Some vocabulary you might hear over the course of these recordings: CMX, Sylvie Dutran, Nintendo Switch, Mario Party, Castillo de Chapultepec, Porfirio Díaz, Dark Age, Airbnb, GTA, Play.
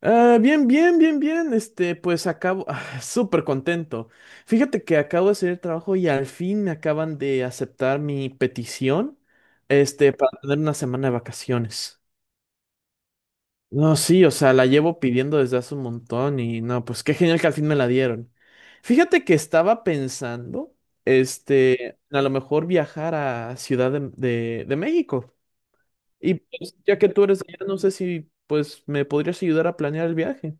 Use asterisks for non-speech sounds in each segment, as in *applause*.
Ah, bien, bien, bien, bien. Este, pues acabo, *laughs* súper contento. Fíjate que acabo de hacer el trabajo y al fin me acaban de aceptar mi petición, este, para tener una semana de vacaciones. No, sí, o sea, la llevo pidiendo desde hace un montón y no, pues qué genial que al fin me la dieron. Fíjate que estaba pensando, este, a lo mejor viajar a Ciudad de, de México. Y pues, ya que tú eres de allá, no sé si, pues, me podrías ayudar a planear el viaje.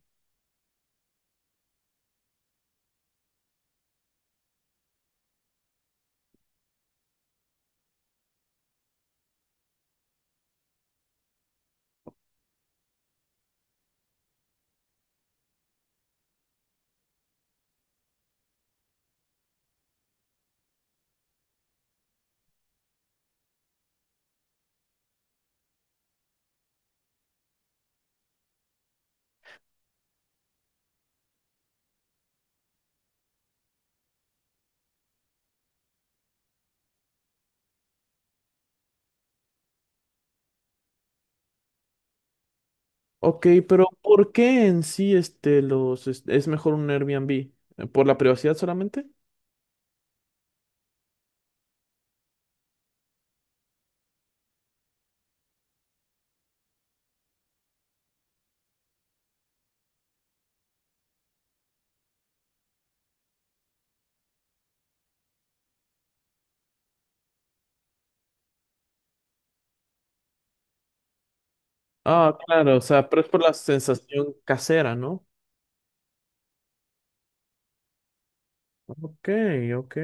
Ok, pero ¿por qué en sí este es mejor un Airbnb? ¿Por la privacidad solamente? Ah, claro, o sea, pero es por la sensación casera, ¿no? Ok, ok.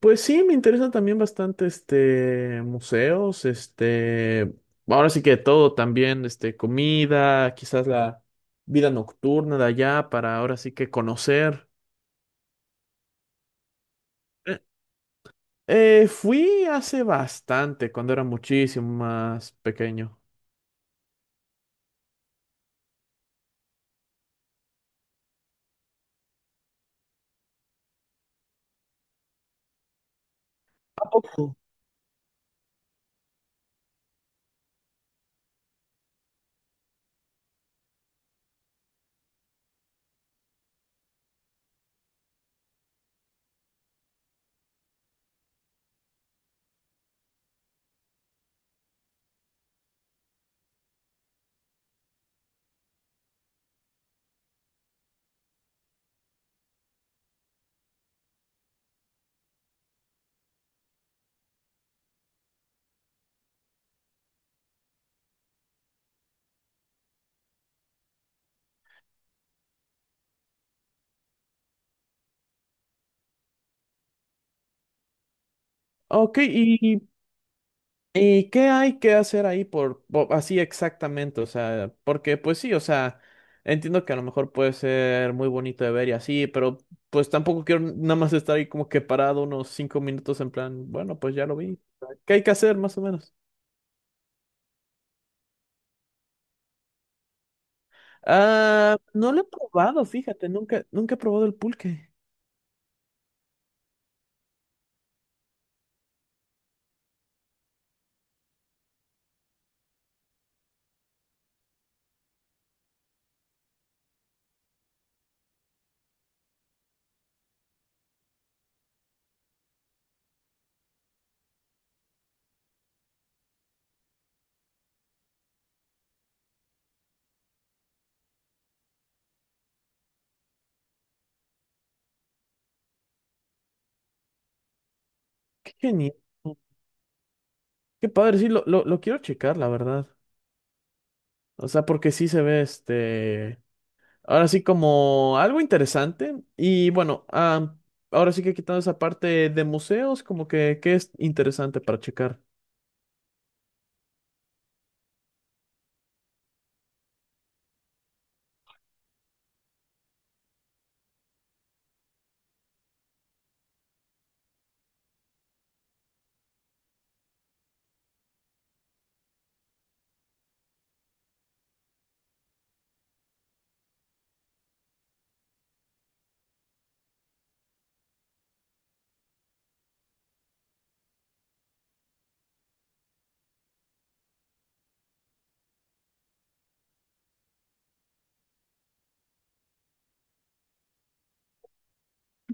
Pues sí, me interesa también bastante este museos, este, ahora sí que todo también, este, comida, quizás la vida nocturna de allá para ahora sí que conocer. Eh, fui hace bastante, cuando era muchísimo más pequeño. ¿A poco? Ok, y ¿qué hay que hacer ahí así exactamente? O sea, porque pues sí, o sea, entiendo que a lo mejor puede ser muy bonito de ver y así, pero pues tampoco quiero nada más estar ahí como que parado unos 5 minutos en plan, bueno, pues ya lo vi. ¿Qué hay que hacer más o menos? Ah, no lo he probado, fíjate, nunca, nunca he probado el pulque. Qué genial. Qué padre, sí, lo quiero checar, la verdad. O sea, porque sí se ve este. Ahora sí como algo interesante. Y bueno, ah, ahora sí que quitando esa parte de museos, como que, ¿que es interesante para checar?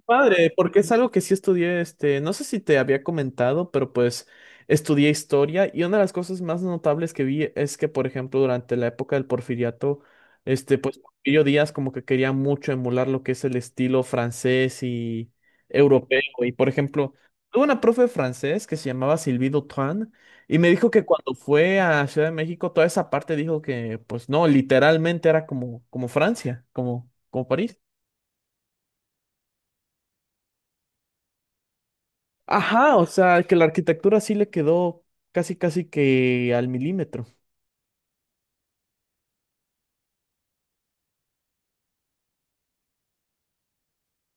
Padre, porque es algo que sí estudié, este, no sé si te había comentado, pero pues estudié historia y una de las cosas más notables que vi es que, por ejemplo, durante la época del Porfiriato, este, pues Porfirio Díaz como que quería mucho emular lo que es el estilo francés y europeo. Y, por ejemplo, tuve una profe de francés que se llamaba Sylvie Dutran y me dijo que cuando fue a Ciudad de México, toda esa parte dijo que, pues no, literalmente era como, como Francia, como, como París. Ajá, o sea, que la arquitectura sí le quedó casi, casi que al milímetro.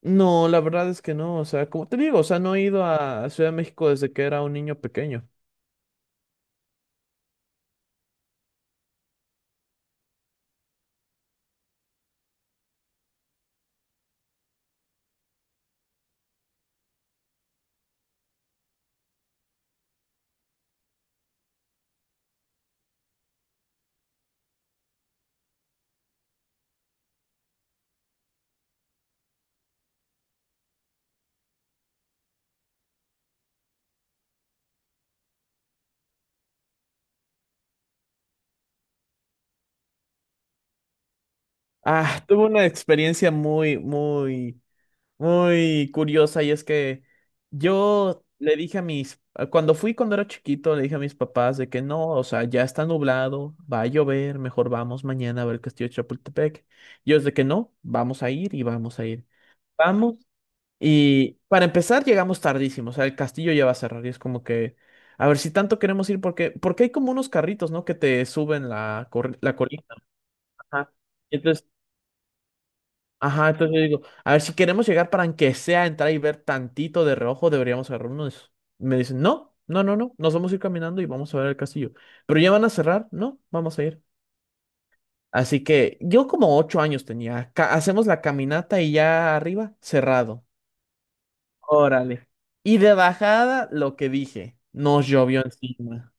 No, la verdad es que no, o sea, como te digo, o sea, no he ido a Ciudad de México desde que era un niño pequeño. Ah, tuve una experiencia muy, muy, muy curiosa y es que yo le dije a mis, cuando era chiquito, le dije a mis papás de que no, o sea, ya está nublado, va a llover, mejor vamos mañana a ver el Castillo de Chapultepec. Y ellos de que no, vamos a ir y vamos a ir. Vamos Y para empezar, llegamos tardísimo, o sea, el castillo ya va a cerrar y es como que, a ver si tanto queremos ir, porque, porque hay como unos carritos, ¿no? Que te suben la, la colina. Ajá. Y entonces, ajá, entonces yo digo, a ver si queremos llegar para aunque sea entrar y ver tantito de reojo, deberíamos agarrar uno de esos. Me dicen, no, no, no, no, nos vamos a ir caminando y vamos a ver el castillo. Pero ya van a cerrar, no, vamos a ir. Así que yo como 8 años tenía, hacemos la caminata y ya arriba, cerrado. Órale. Y de bajada, lo que dije, nos llovió encima.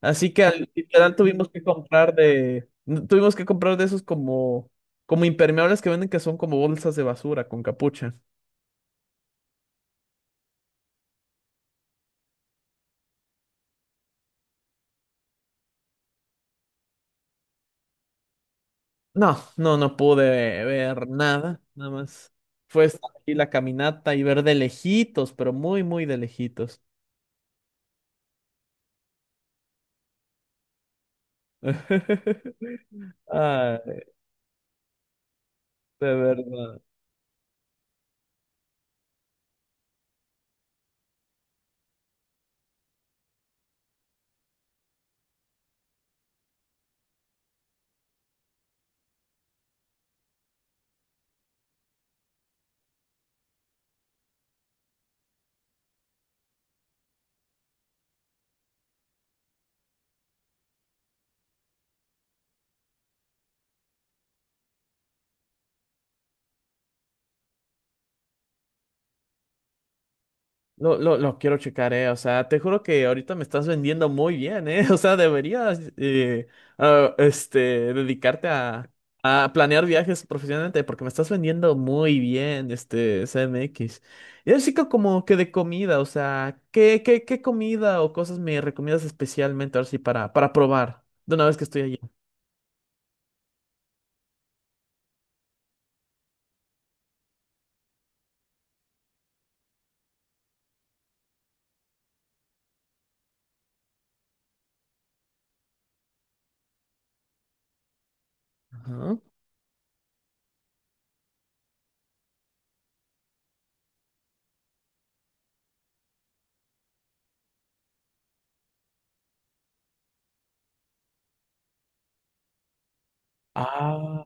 Así que literal tuvimos que comprar de, tuvimos que comprar de esos como, como impermeables que venden que son como bolsas de basura con capucha. No, no, no pude ver nada, nada más. Fue estar aquí la caminata y ver de lejitos, pero muy, muy de lejitos. *laughs* Ah, de verdad. Lo quiero checar, eh. O sea, te juro que ahorita me estás vendiendo muy bien, eh. *laughs* O sea, deberías este, dedicarte a, planear viajes profesionalmente, porque me estás vendiendo muy bien, este, CMX. Y así que como que de comida, o sea, ¿qué comida o cosas me recomiendas especialmente ahora sí para probar de una vez que estoy allí? Ajá. Ah,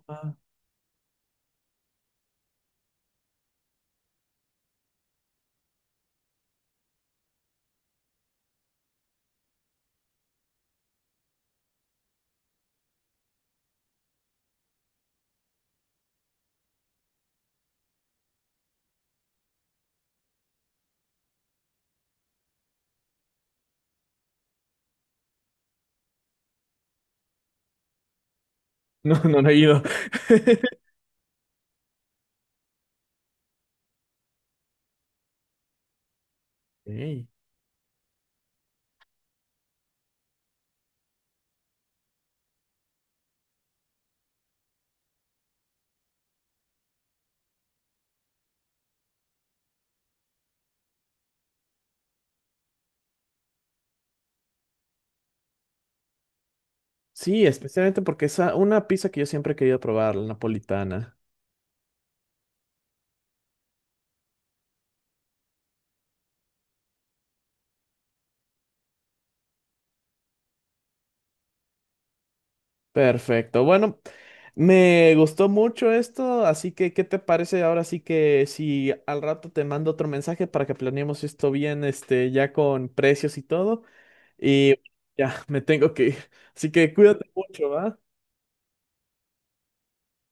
*laughs* no, no, no he ido. *laughs* Ey. Sí, especialmente porque es una pizza que yo siempre he querido probar, la napolitana. Perfecto. Bueno, me gustó mucho esto, así que ¿qué te parece ahora sí que si al rato te mando otro mensaje para que planeemos esto bien, este, ya con precios y todo? Y ya, me tengo que ir. Así que cuídate mucho, ¿va?